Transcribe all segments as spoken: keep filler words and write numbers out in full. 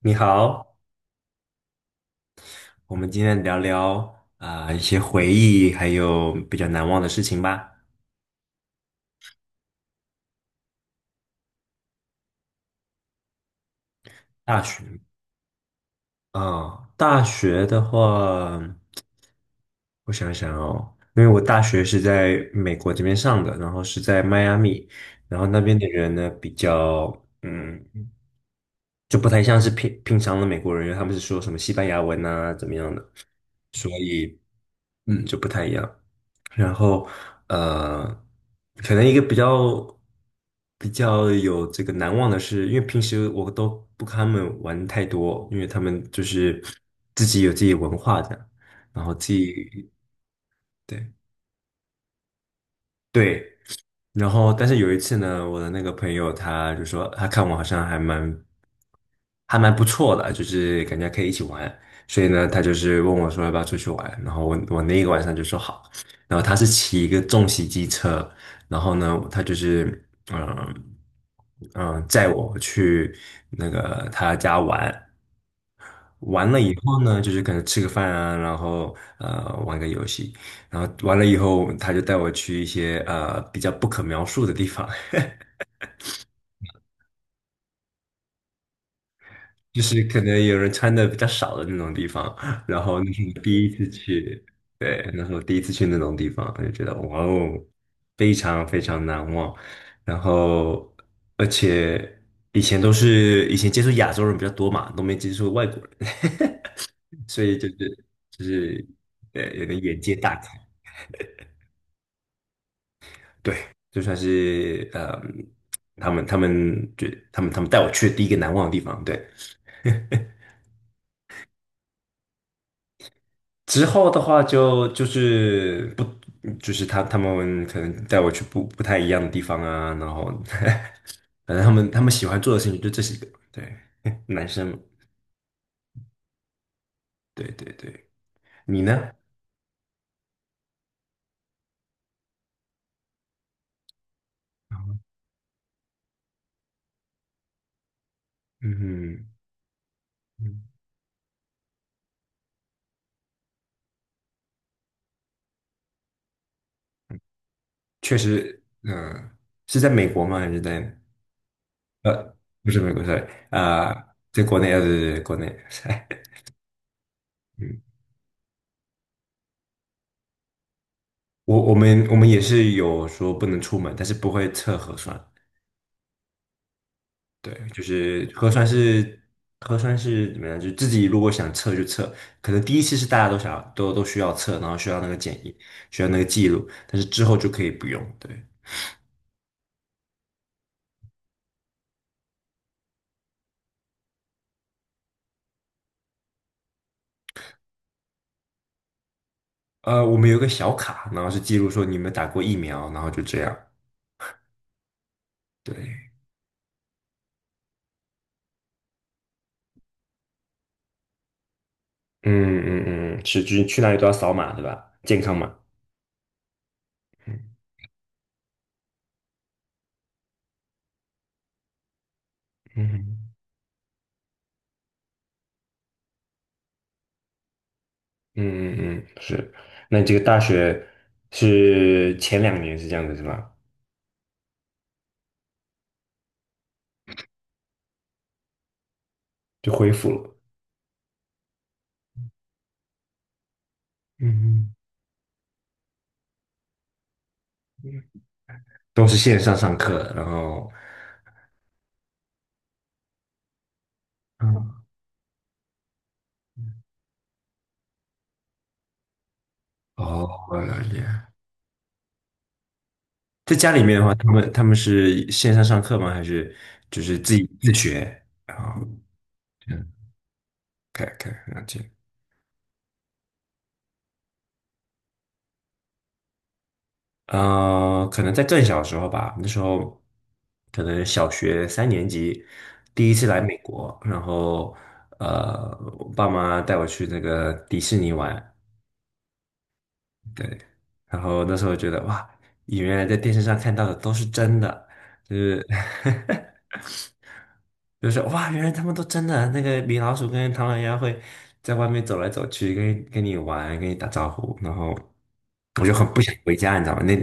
你好，我们今天聊聊啊、一些回忆，还有比较难忘的事情吧。大学，啊、大学的话，我想想哦，因为我大学是在美国这边上的，然后是在迈阿密，然后那边的人呢比较，嗯，就不太像是平平常的美国人，因为他们是说什么西班牙文啊，怎么样的，嗯，就不太一样。然后呃，可能一个比较比较有这个难忘的是，因为平时我都不跟他们玩太多，因为他们就是自己有自己文化的，然后自己。对对，然后，但是有一次呢，我的那个朋友他就说，他看我好像还蛮还蛮不错的，就是感觉可以一起玩，所以呢，他就是问我说要不要出去玩，然后我我那一个晚上就说好，然后他是骑一个重型机车，然后呢，他就是嗯嗯载我去那个他家玩，完了以后呢，就是可能吃个饭啊，然后呃玩个游戏，然后完了以后他就带我去一些呃比较不可描述的地方。就是可能有人穿的比较少的那种地方，然后那是我第一次去。对，那是我第一次去那种地方，就觉得哇哦，非常非常难忘。然后，而且以前都是以前接触亚洲人比较多嘛，都没接触外国人，所以就是就是呃有点眼界大开。对，就算是呃他们他们觉他们他们带我去的第一个难忘的地方，对。之后的话就就是不就是他他们可能带我去不不太一样的地方啊，然后 反正他们他们喜欢做的事情就这些个，对，男生嘛，对对对，你呢？嗯，嗯，确实。嗯、是在美国吗？还是在呃，不是美国，sorry,啊、在国内，呃，对对对，国内，嗯，我我们我们也是有说不能出门，但是不会测核酸，对，就是核酸是核酸是怎么样？就自己如果想测就测，可能第一次是大家都想要都都需要测，然后需要那个检疫，需要那个记录，但是之后就可以不用。对，呃，我们有一个小卡，然后是记录说你们打过疫苗，然后就这样。对，嗯嗯，嗯，是就是去哪里都要扫码，对吧？健康码。嗯嗯，嗯嗯，嗯，是。那你这个大学是前两年是这样子是吧？就恢复了。嗯嗯。都是线上上课，然后，嗯，哦，我了解。在家里面的话，他们他们是线上上课吗？还是就是自己自学？然后，嗯OK，OK，了解。呃，可能在更小的时候吧，那时候可能小学三年级，第一次来美国，然后呃，我爸妈带我去那个迪士尼玩，对，然后那时候觉得哇，原来在电视上看到的都是真的，就是 就是哇，原来他们都真的那个米老鼠跟唐老鸭会在外面走来走去，跟跟你玩，跟你打招呼，然后我就很不想回家，你知道吗？那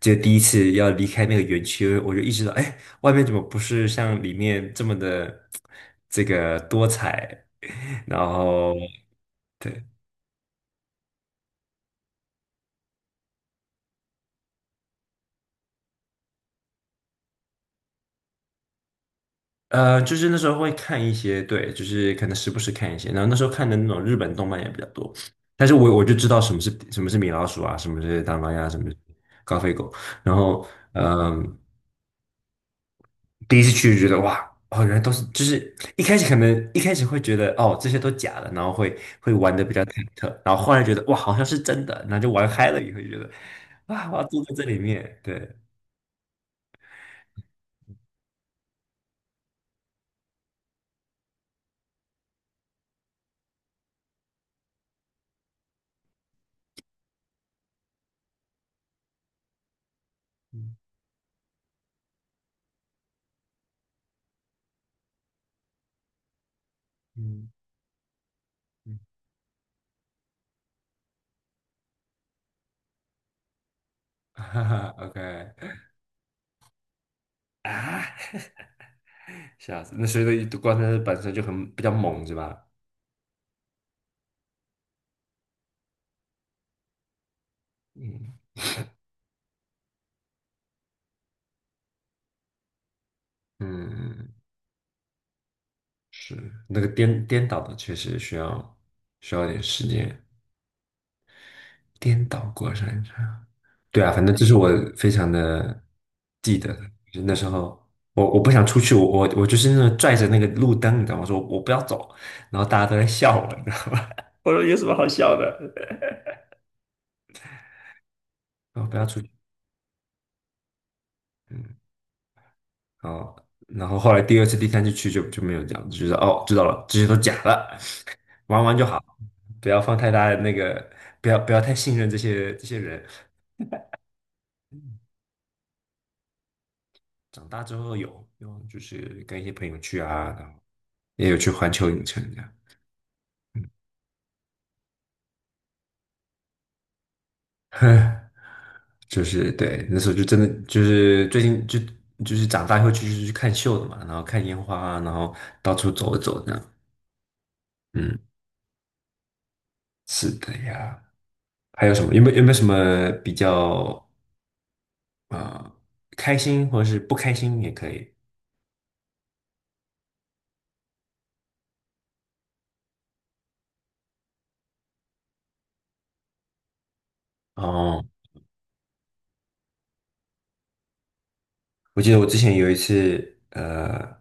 就第一次要离开那个园区，我就意识到，哎，外面怎么不是像里面这么的这个多彩？然后对，呃，就是那时候会看一些，对，就是可能时不时看一些，然后那时候看的那种日本动漫也比较多，但是我我就知道什么是什么是米老鼠啊，什么是大妈呀，什么是高飞狗，然后嗯、第一次去就觉得哇，哦，原来都是，就是一开始可能一开始会觉得哦这些都假的，然后会会玩的比较忐忑，然后后来觉得哇好像是真的，然后就玩嗨了以后就觉得啊我要住在这里面，对，嗯嗯嗯 哈哈，OK 啊。吓死！那所以那光车本身就很比较猛，是吧？嗯嗯，是那个颠颠倒的，确实需要需要点时间。颠倒过山车，对啊，反正这是我非常的记得的。就是那时候我我不想出去，我我我就是那种拽着那个路灯，你知道吗？我说我不要走，然后大家都在笑我，你知道吗？我说有什么好笑的？我不要出去。嗯。哦，然后后来第二次、第三次去就就没有这样，就是哦，知道了，这些都假的，玩玩就好，不要放太大的那个，不要不要太信任这些这些人。长大之后有有就是跟一些朋友去啊，然后也有去环球影城这样，就是对，那时候就真的就是最近就就是长大以后去就是去看秀的嘛，然后看烟花啊然后到处走一走这样。嗯，是的呀。还有什么？有没有有没有什么比较？啊，开心或者是不开心也可以。哦，我记得我之前有一次，呃，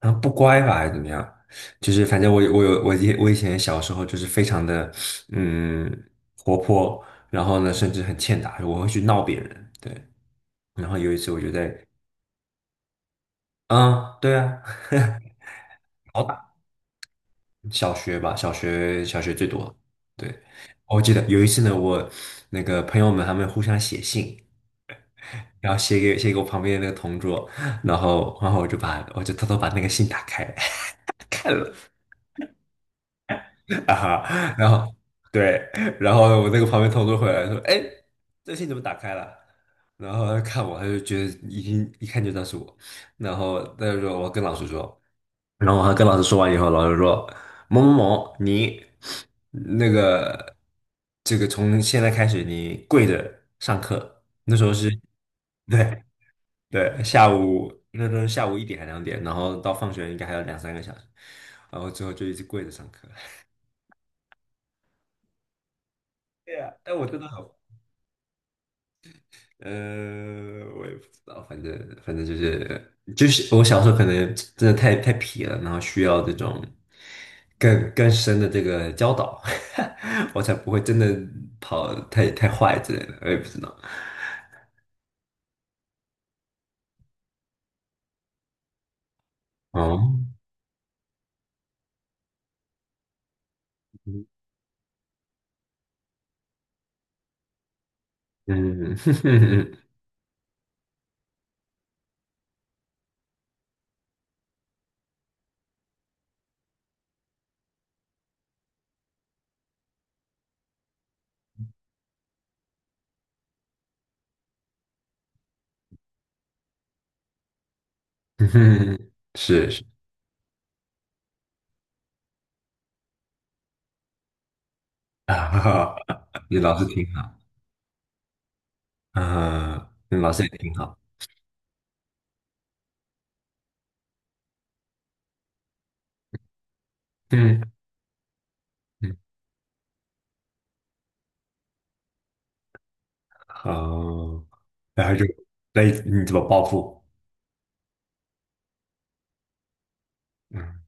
然后不乖吧，还是怎么样？就是反正我我有我以我以前小时候就是非常的嗯活泼，然后呢甚至很欠打，我会去闹别人。对，然后有一次我就在。嗯对啊，好打，小学吧，小学小学最多。对，我记得有一次呢，我那个朋友们他们互相写信，然后写给写给我旁边的那个同桌，然后然后我就把我就偷偷把那个信打开 看了啊哈，然后对，然后我那个旁边同桌回来说，哎，这信怎么打开了？然后他看我，他就觉得已经一看就知道是我，然后他就说我跟老师说，然后我还跟老师说完以后，老师说某某某你那个这个从现在开始你跪着上课，那时候是对。对，下午那都是下午一点还两点，然后到放学应该还有两三个小时，然后之后就一直跪着上课。对呀，但我真的很，呃，我也不知道，反正反正就是就是我小时候可能真的太太皮了，然后需要这种更更深的这个教导，我才不会真的跑太太坏之类的，我也不知道。哦，嗯，嗯是是啊，你老师挺好。呃嗯，那老师也挺好。嗯嗯好。然后就，那你怎么报复？嗯，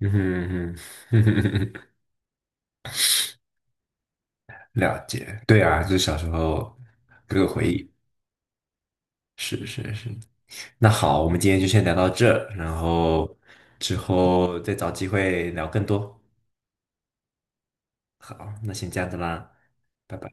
嗯哼，嗯哼，了解，对啊，就是小时候各个回忆，是是是。那好，我们今天就先聊到这，然后之后再找机会聊更多。好，那先这样子啦，拜拜。